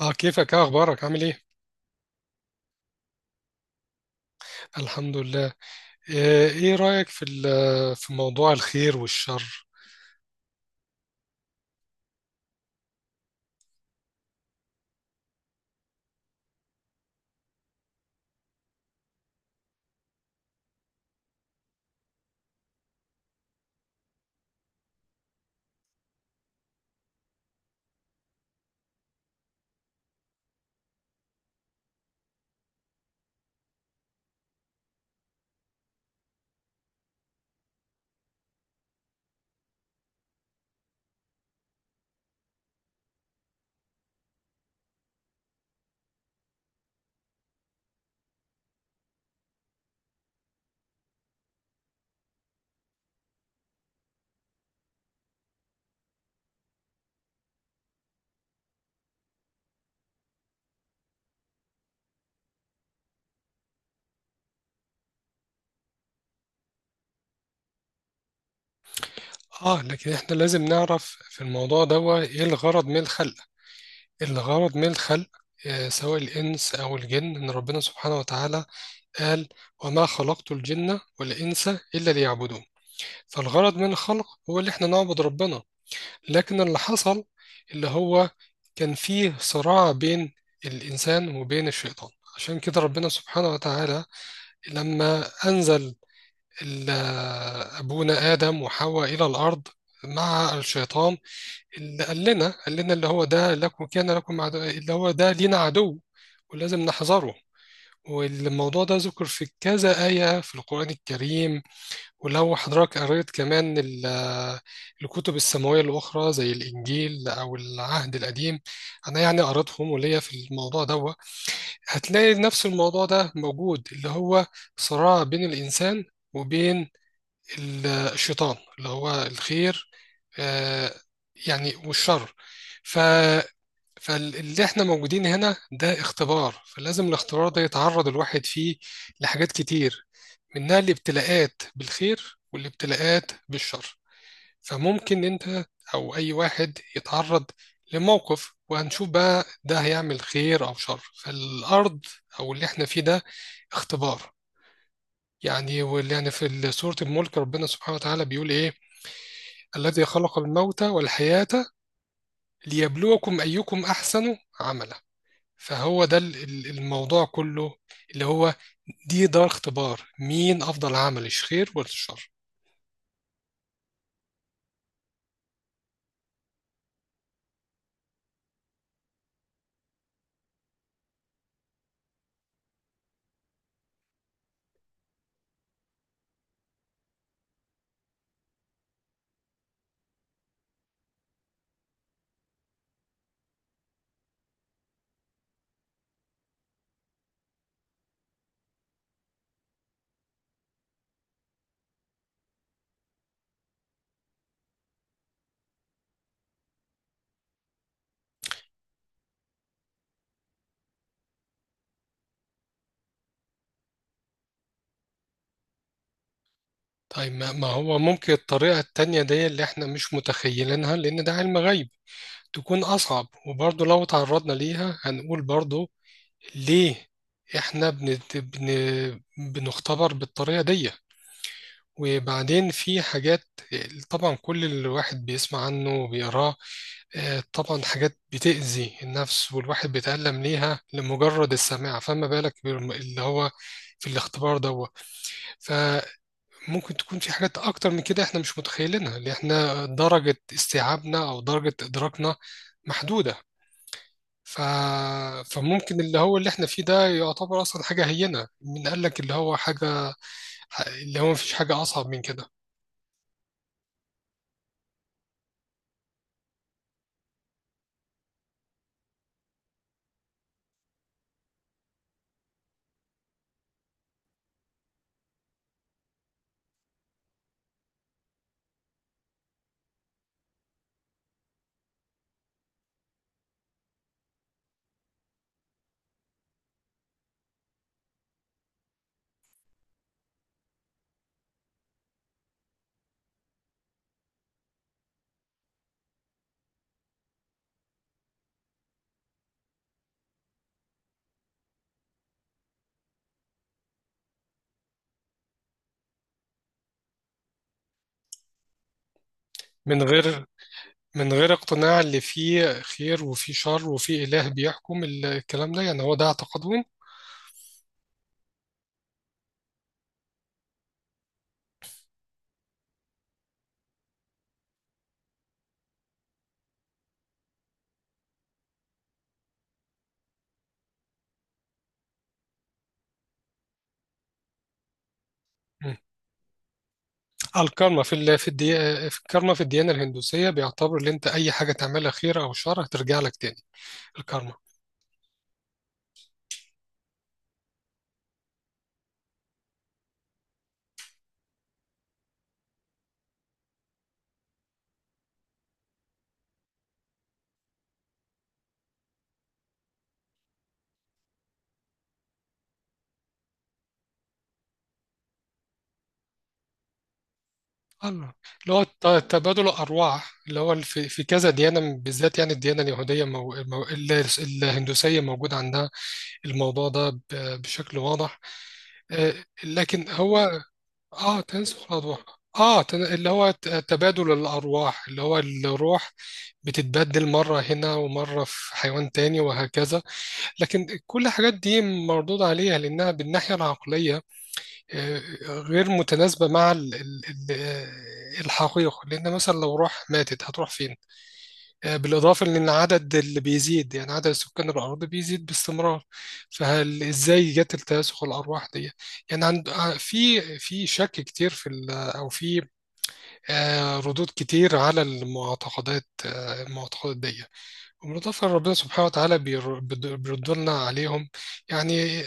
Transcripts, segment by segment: اه كيفك؟ اه اخبارك؟ عامل ايه؟ الحمد لله. ايه رأيك في موضوع الخير والشر؟ اه لكن احنا لازم نعرف في الموضوع ده ايه الغرض من الخلق. الغرض من الخلق سواء الإنس أو الجن، إن ربنا سبحانه وتعالى قال: وما خلقت الجن والإنس إلا ليعبدون. فالغرض من الخلق هو اللي إحنا نعبد ربنا. لكن اللي حصل، اللي هو، كان فيه صراع بين الإنسان وبين الشيطان. عشان كده ربنا سبحانه وتعالى لما أنزل ال- أبونا آدم وحواء إلى الأرض مع الشيطان، اللي قال لنا اللي هو ده لكم، كان لكم عدو، اللي هو ده لينا عدو، ولازم نحذره. والموضوع ده ذكر في كذا آية في القرآن الكريم. ولو حضرتك قريت كمان الكتب السماوية الأخرى زي الإنجيل أو العهد القديم، أنا يعني قريتهم وليا في الموضوع ده، هتلاقي نفس الموضوع ده موجود، اللي هو صراع بين الإنسان وبين الشيطان، اللي هو الخير آه، يعني والشر. ف فاللي احنا موجودين هنا ده اختبار، فلازم الاختبار ده يتعرض الواحد فيه لحاجات كتير، منها الابتلاءات بالخير والابتلاءات بالشر. فممكن انت او اي واحد يتعرض لموقف، وهنشوف بقى ده هيعمل خير او شر. فالارض او اللي احنا فيه ده اختبار. يعني واللي يعني في سورة الملك ربنا سبحانه وتعالى بيقول ايه: الذي خلق الموت والحياة ليبلوكم ايكم احسن عملا. فهو ده الموضوع كله، اللي هو دي دار اختبار، مين افضل عمل، الخير ولا الشر؟ طيب ما هو ممكن الطريقة التانية دي اللي احنا مش متخيلينها، لأن ده علم غيب، تكون أصعب، وبرضه لو تعرضنا ليها هنقول برضه ليه احنا بنختبر بالطريقة دي. وبعدين في حاجات، طبعا كل الواحد بيسمع عنه وبيقراه، طبعا حاجات بتأذي النفس والواحد بيتألم ليها لمجرد السماع، فما بالك اللي هو في الاختبار ده. ممكن تكون في حاجات أكتر من كده إحنا مش متخيلينها، اللي إحنا درجة استيعابنا أو درجة إدراكنا محدودة. ف... فممكن اللي هو اللي إحنا فيه ده يعتبر أصلا حاجة هينة. من قال لك اللي هو حاجة اللي هو مفيش حاجة أصعب من كده؟ من غير من غير اقتناع اللي فيه خير وفيه شر وفيه إله بيحكم الكلام ده، يعني هو ده اعتقادهم. مم. الكارما في الكارما في الديانة الهندوسية بيعتبر اللي أنت أي حاجة تعملها خير أو شر هترجع لك تاني. الكارما. الله. اللي هو تبادل الأرواح، اللي هو في كذا ديانة بالذات، يعني الديانة اليهودية مو... ال- الهندوسية، موجود عندها الموضوع ده بشكل واضح. آه، لكن هو اه تنسخ الأرواح. اللي هو تبادل الأرواح، اللي هو الروح بتتبدل مرة هنا ومرة في حيوان تاني وهكذا. لكن كل الحاجات دي مردود عليها، لأنها بالناحية العقلية آه، غير متناسبة مع الحقيقة. لأن مثلا لو روح ماتت هتروح فين؟ بالإضافة لأن العدد اللي بيزيد، يعني عدد سكان الأرض بيزيد باستمرار، فهل إزاي جت التناسخ الأرواح دي؟ يعني في شك كتير أو في ردود كتير على المعتقدات دي. وبالإضافة ربنا سبحانه وتعالى بيردلنا عليهم. يعني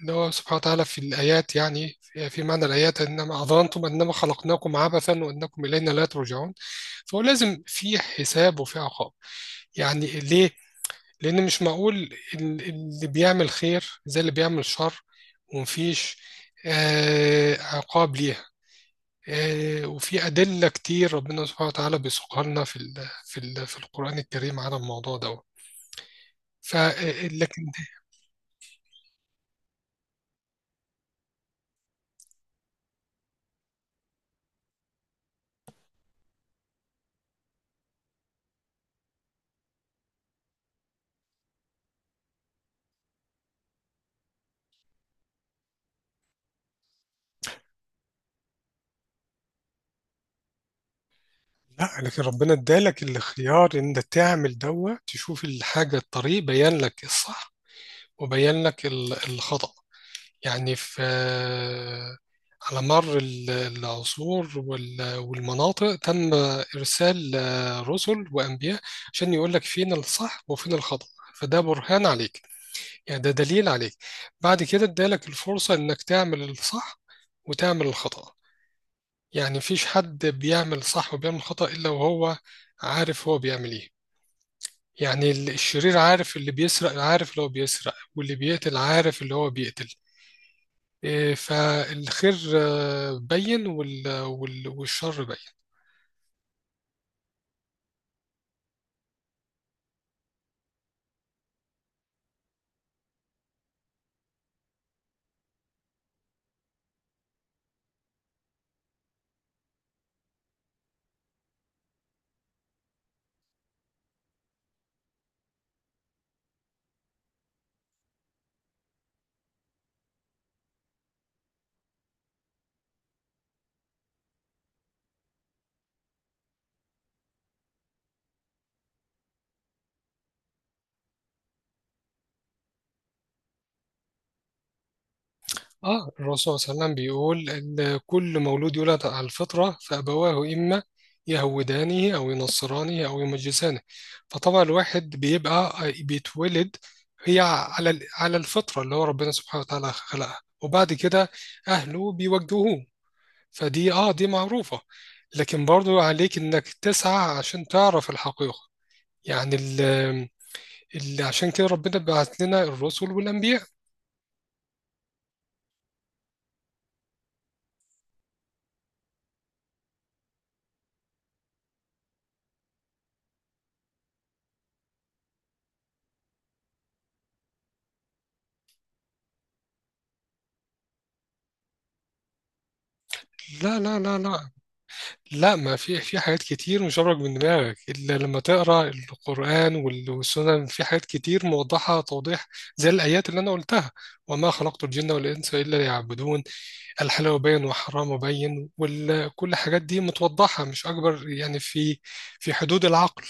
اللي هو سبحانه وتعالى في الآيات، يعني في معنى الآيات: إنما أظننتم أنما خلقناكم عبثا وأنكم إلينا لا ترجعون. فهو لازم في حساب وفي عقاب. يعني ليه؟ لأن مش معقول اللي بيعمل خير زي اللي بيعمل شر ومفيش عقاب ليها. وفي أدلة كتير ربنا سبحانه وتعالى بيسوقها لنا في القرآن الكريم على الموضوع ده. ف لكن. لا، لكن ربنا ادالك الخيار ان انت تعمل دوا تشوف الحاجه، الطريق بين لك الصح وبين لك الخطأ. يعني في، على مر العصور والمناطق، تم ارسال رسل وانبياء عشان يقول لك فين الصح وفين الخطأ. فده برهان عليك، يعني ده دليل عليك. بعد كده ادالك الفرصه انك تعمل الصح وتعمل الخطأ. يعني مفيش حد بيعمل صح وبيعمل خطأ إلا وهو عارف هو بيعمل إيه. يعني الشرير عارف، اللي بيسرق عارف اللي هو بيسرق، واللي بيقتل عارف اللي هو بيقتل. إيه، فالخير بين والشر بين. اه الرسول صلى الله عليه وسلم بيقول ان كل مولود يولد على الفطرة، فأبواه إما يهودانه أو ينصرانه أو يمجسانه. فطبعا الواحد بيبقى بيتولد هي على على الفطرة اللي هو ربنا سبحانه وتعالى خلقها، وبعد كده أهله بيوجهوه. فدي دي معروفة. لكن برضو عليك إنك تسعى عشان تعرف الحقيقة. يعني عشان كده ربنا بعت لنا الرسل والأنبياء. لا لا لا لا. لا، ما في حاجات كتير مش هبرك من دماغك الا لما تقرا القران والسنن. في حاجات كتير موضحه توضيح، زي الايات اللي انا قلتها: وما خلقت الجن والانس الا ليعبدون، الحلال بين وحرام بين. وكل الحاجات دي متوضحه، مش اكبر يعني، في حدود العقل.